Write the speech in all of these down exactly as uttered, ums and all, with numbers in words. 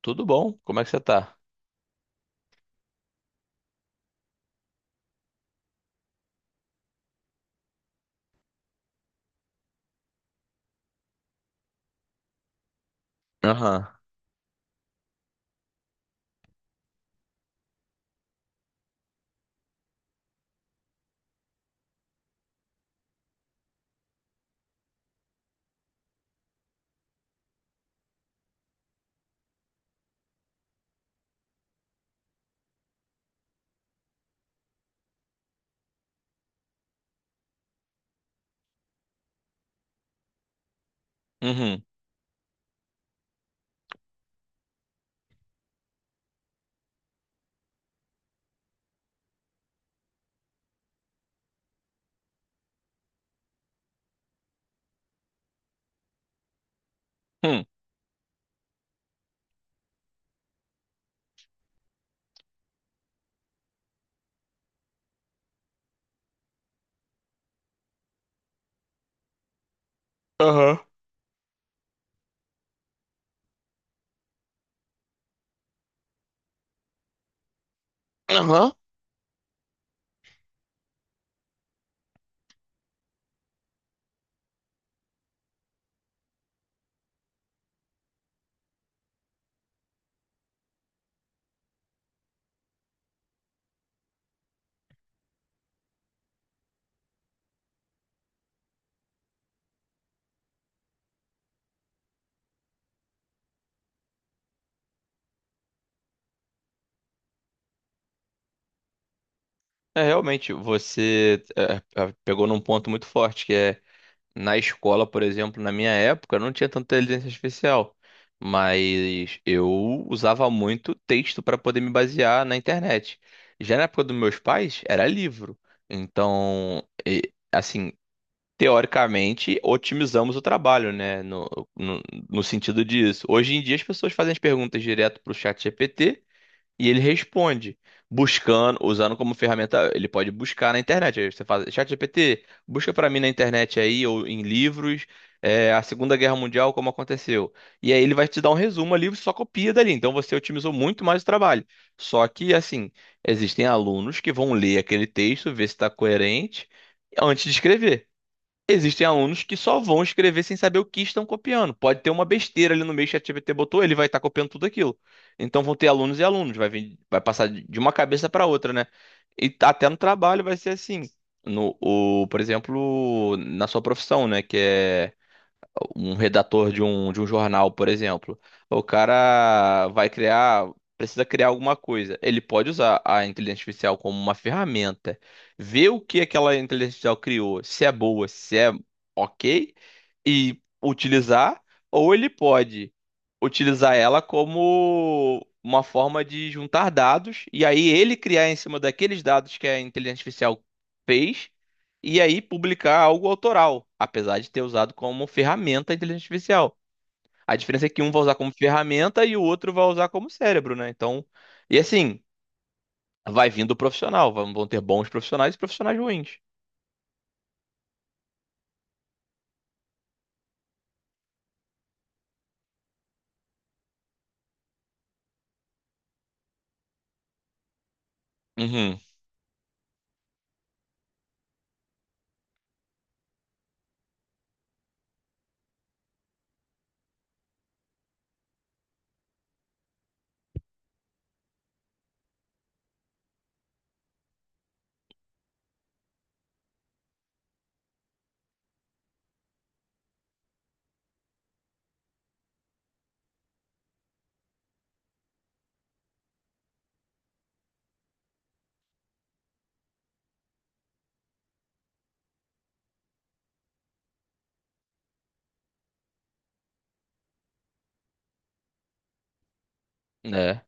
Tudo bom? Como é que você tá? Aham. Uhum. Hum. Aham. Aham. É, realmente, você é, é, pegou num ponto muito forte, que é na escola, por exemplo, na minha época, não tinha tanta inteligência artificial, mas eu usava muito texto para poder me basear na internet. Já na época dos meus pais, era livro. Então, e- assim, teoricamente, otimizamos o trabalho, né? No, no, no sentido disso. Hoje em dia, as pessoas fazem as perguntas direto para o chat G P T e ele responde, buscando, usando como ferramenta. Ele pode buscar na internet. Aí você faz, chat G P T, busca para mim na internet aí, ou em livros, é, a Segunda Guerra Mundial, como aconteceu. E aí ele vai te dar um resumo ali, você só copia dali. Então você otimizou muito mais o trabalho. Só que, assim, existem alunos que vão ler aquele texto, ver se está coerente, antes de escrever. Existem alunos que só vão escrever sem saber o que estão copiando. Pode ter uma besteira ali no meio que o ChatGPT botou, ele vai estar copiando tudo aquilo. Então vão ter alunos e alunos, vai vir- vai passar de de uma cabeça para outra, né? E tá- até no trabalho vai ser assim. No, o, por exemplo, na sua profissão, né? Que é um redator de um, de um jornal, por exemplo. O cara vai criar, precisa criar alguma coisa. Ele pode usar a inteligência artificial como uma ferramenta, ver o que aquela inteligência artificial criou, se é boa, se é ok, e utilizar, ou ele pode utilizar ela como uma forma de juntar dados e aí ele criar em cima daqueles dados que a inteligência artificial fez e aí publicar algo autoral, apesar de ter usado como ferramenta a inteligência artificial. A diferença é que um vai usar como ferramenta e o outro vai usar como cérebro, né? Então, e assim, vai vindo o profissional, vão vão ter bons profissionais e profissionais ruins. Uhum. É.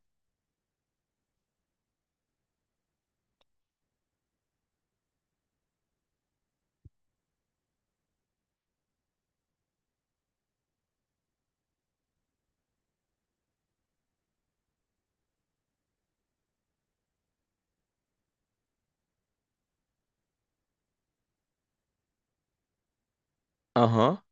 Aham.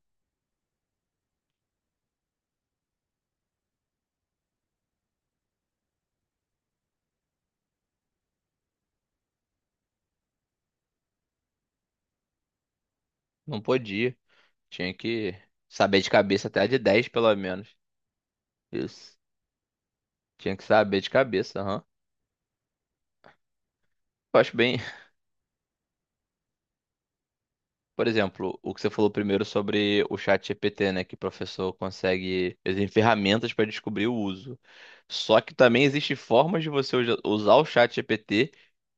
Não podia. Tinha que saber de cabeça até a de dez pelo menos. Isso. Tinha que saber de cabeça, aham. Eu acho bem, por exemplo, o que você falou primeiro sobre o chat G P T, né? Que o professor consegue. Existem ferramentas para descobrir o uso. Só que também existem formas de você usa- usar o chat G P T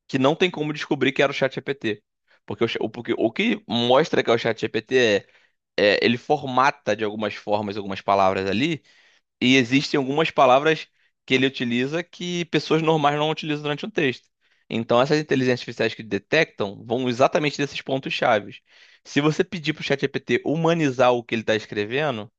que não tem como descobrir que era o chat G P T. Porque o, cha- o- porque o que mostra que é o chat G P T é, é ele formata de algumas formas, algumas palavras ali, e existem algumas palavras que ele utiliza que pessoas normais não utilizam durante um texto. Então, essas inteligências artificiais que detectam vão exatamente desses pontos chaves. Se você pedir para o ChatGPT humanizar o que ele está escrevendo,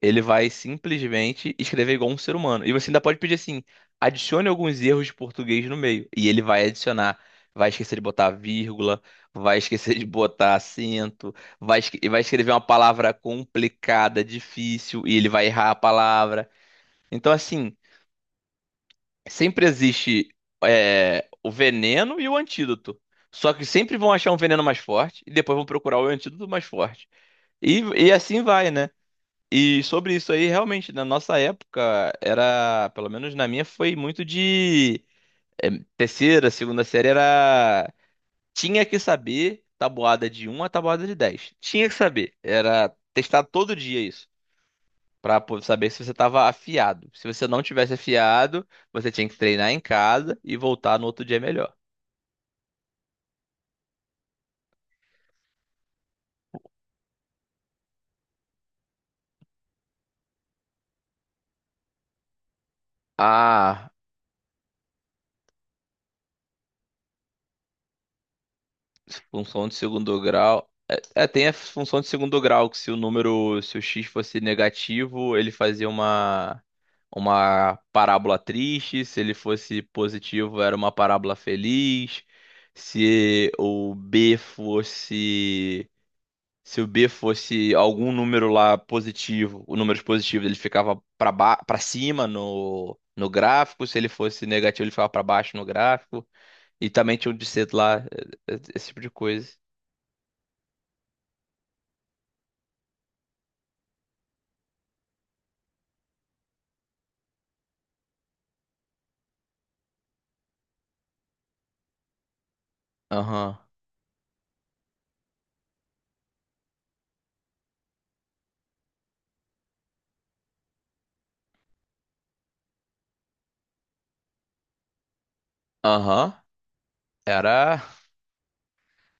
ele vai simplesmente escrever igual um ser humano. E você ainda pode pedir assim: adicione alguns erros de português no meio. E ele vai adicionar. Vai esquecer de botar vírgula, vai esquecer de botar acento, vai, esque- vai escrever uma palavra complicada, difícil, e ele vai errar a palavra. Então, assim, sempre existe é, o veneno e o antídoto. Só que sempre vão achar um veneno mais forte e depois vão procurar o antídoto mais forte. E, e assim vai, né? E sobre isso aí, realmente, na nossa época, era, pelo menos na minha, foi muito de é, terceira, segunda série, era. Tinha que saber tabuada de um a tabuada de dez. Tinha que saber. Era testar todo dia isso. Pra po- saber se você tava afiado. Se você não tivesse afiado, você tinha que treinar em casa e voltar no outro dia melhor. Ah, função de segundo grau. É, é, tem a função de segundo grau, que se o número, se o x fosse negativo, ele fazia uma, uma parábola triste. Se ele fosse positivo, era uma parábola feliz. Se o b fosse Se o B fosse algum número lá positivo, o número positivo ele ficava para ba... para cima no... no gráfico, se ele fosse negativo ele ficava para baixo no gráfico, e também tinha um de C lá, eh, eh, esse tipo de coisa. Aham. Aham. Era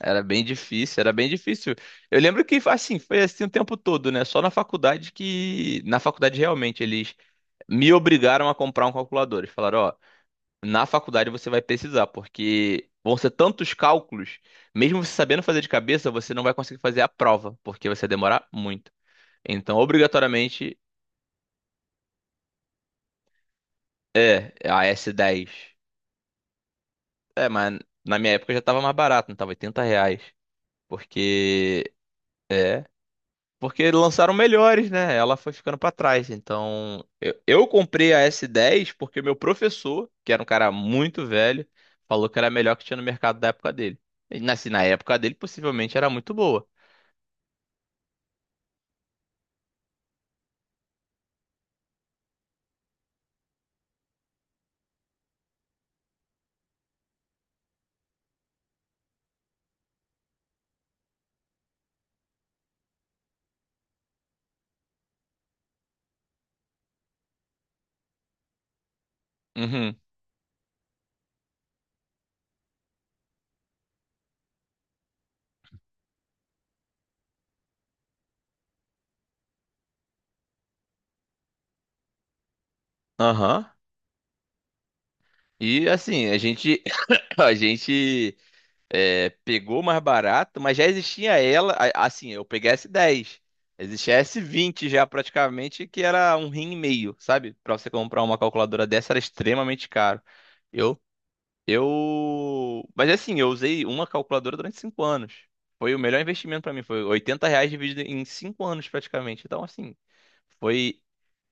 era bem difícil, era bem difícil. Eu lembro que assim, foi assim o tempo todo, né? Só na faculdade que na faculdade realmente eles me obrigaram a comprar um calculador. Eles falaram, ó, na faculdade você vai precisar, porque vão ser tantos cálculos, mesmo você sabendo fazer de cabeça, você não vai conseguir fazer a prova, porque você vai demorar muito. Então, obrigatoriamente, é a S dez. É, mas na minha época já tava mais barato, não tava oitenta reais. Porque. É. Porque lançaram melhores, né? Ela foi ficando pra trás. Então, eu, eu comprei a S dez porque meu professor, que era um cara muito velho, falou que era a melhor que tinha no mercado da época dele. E, assim, na época dele, possivelmente era muito boa. Uhum. Aham. E assim, a gente a gente é, pegou mais barato, mas já existia ela, a- assim, eu peguei a S dez. Existia a s vinte já praticamente, que era um rim e meio, sabe? Pra você comprar uma calculadora dessa era extremamente caro. Eu eu, mas assim, eu usei uma calculadora durante cinco anos. Foi o melhor investimento pra mim, foi oitenta reais dividido em cinco anos praticamente. Então assim, foi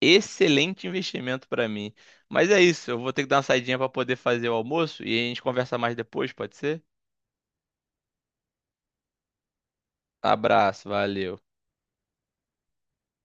excelente investimento para mim. Mas é isso, eu vou ter que dar uma saidinha para poder fazer o almoço e a gente conversa mais depois, pode ser? Abraço, valeu.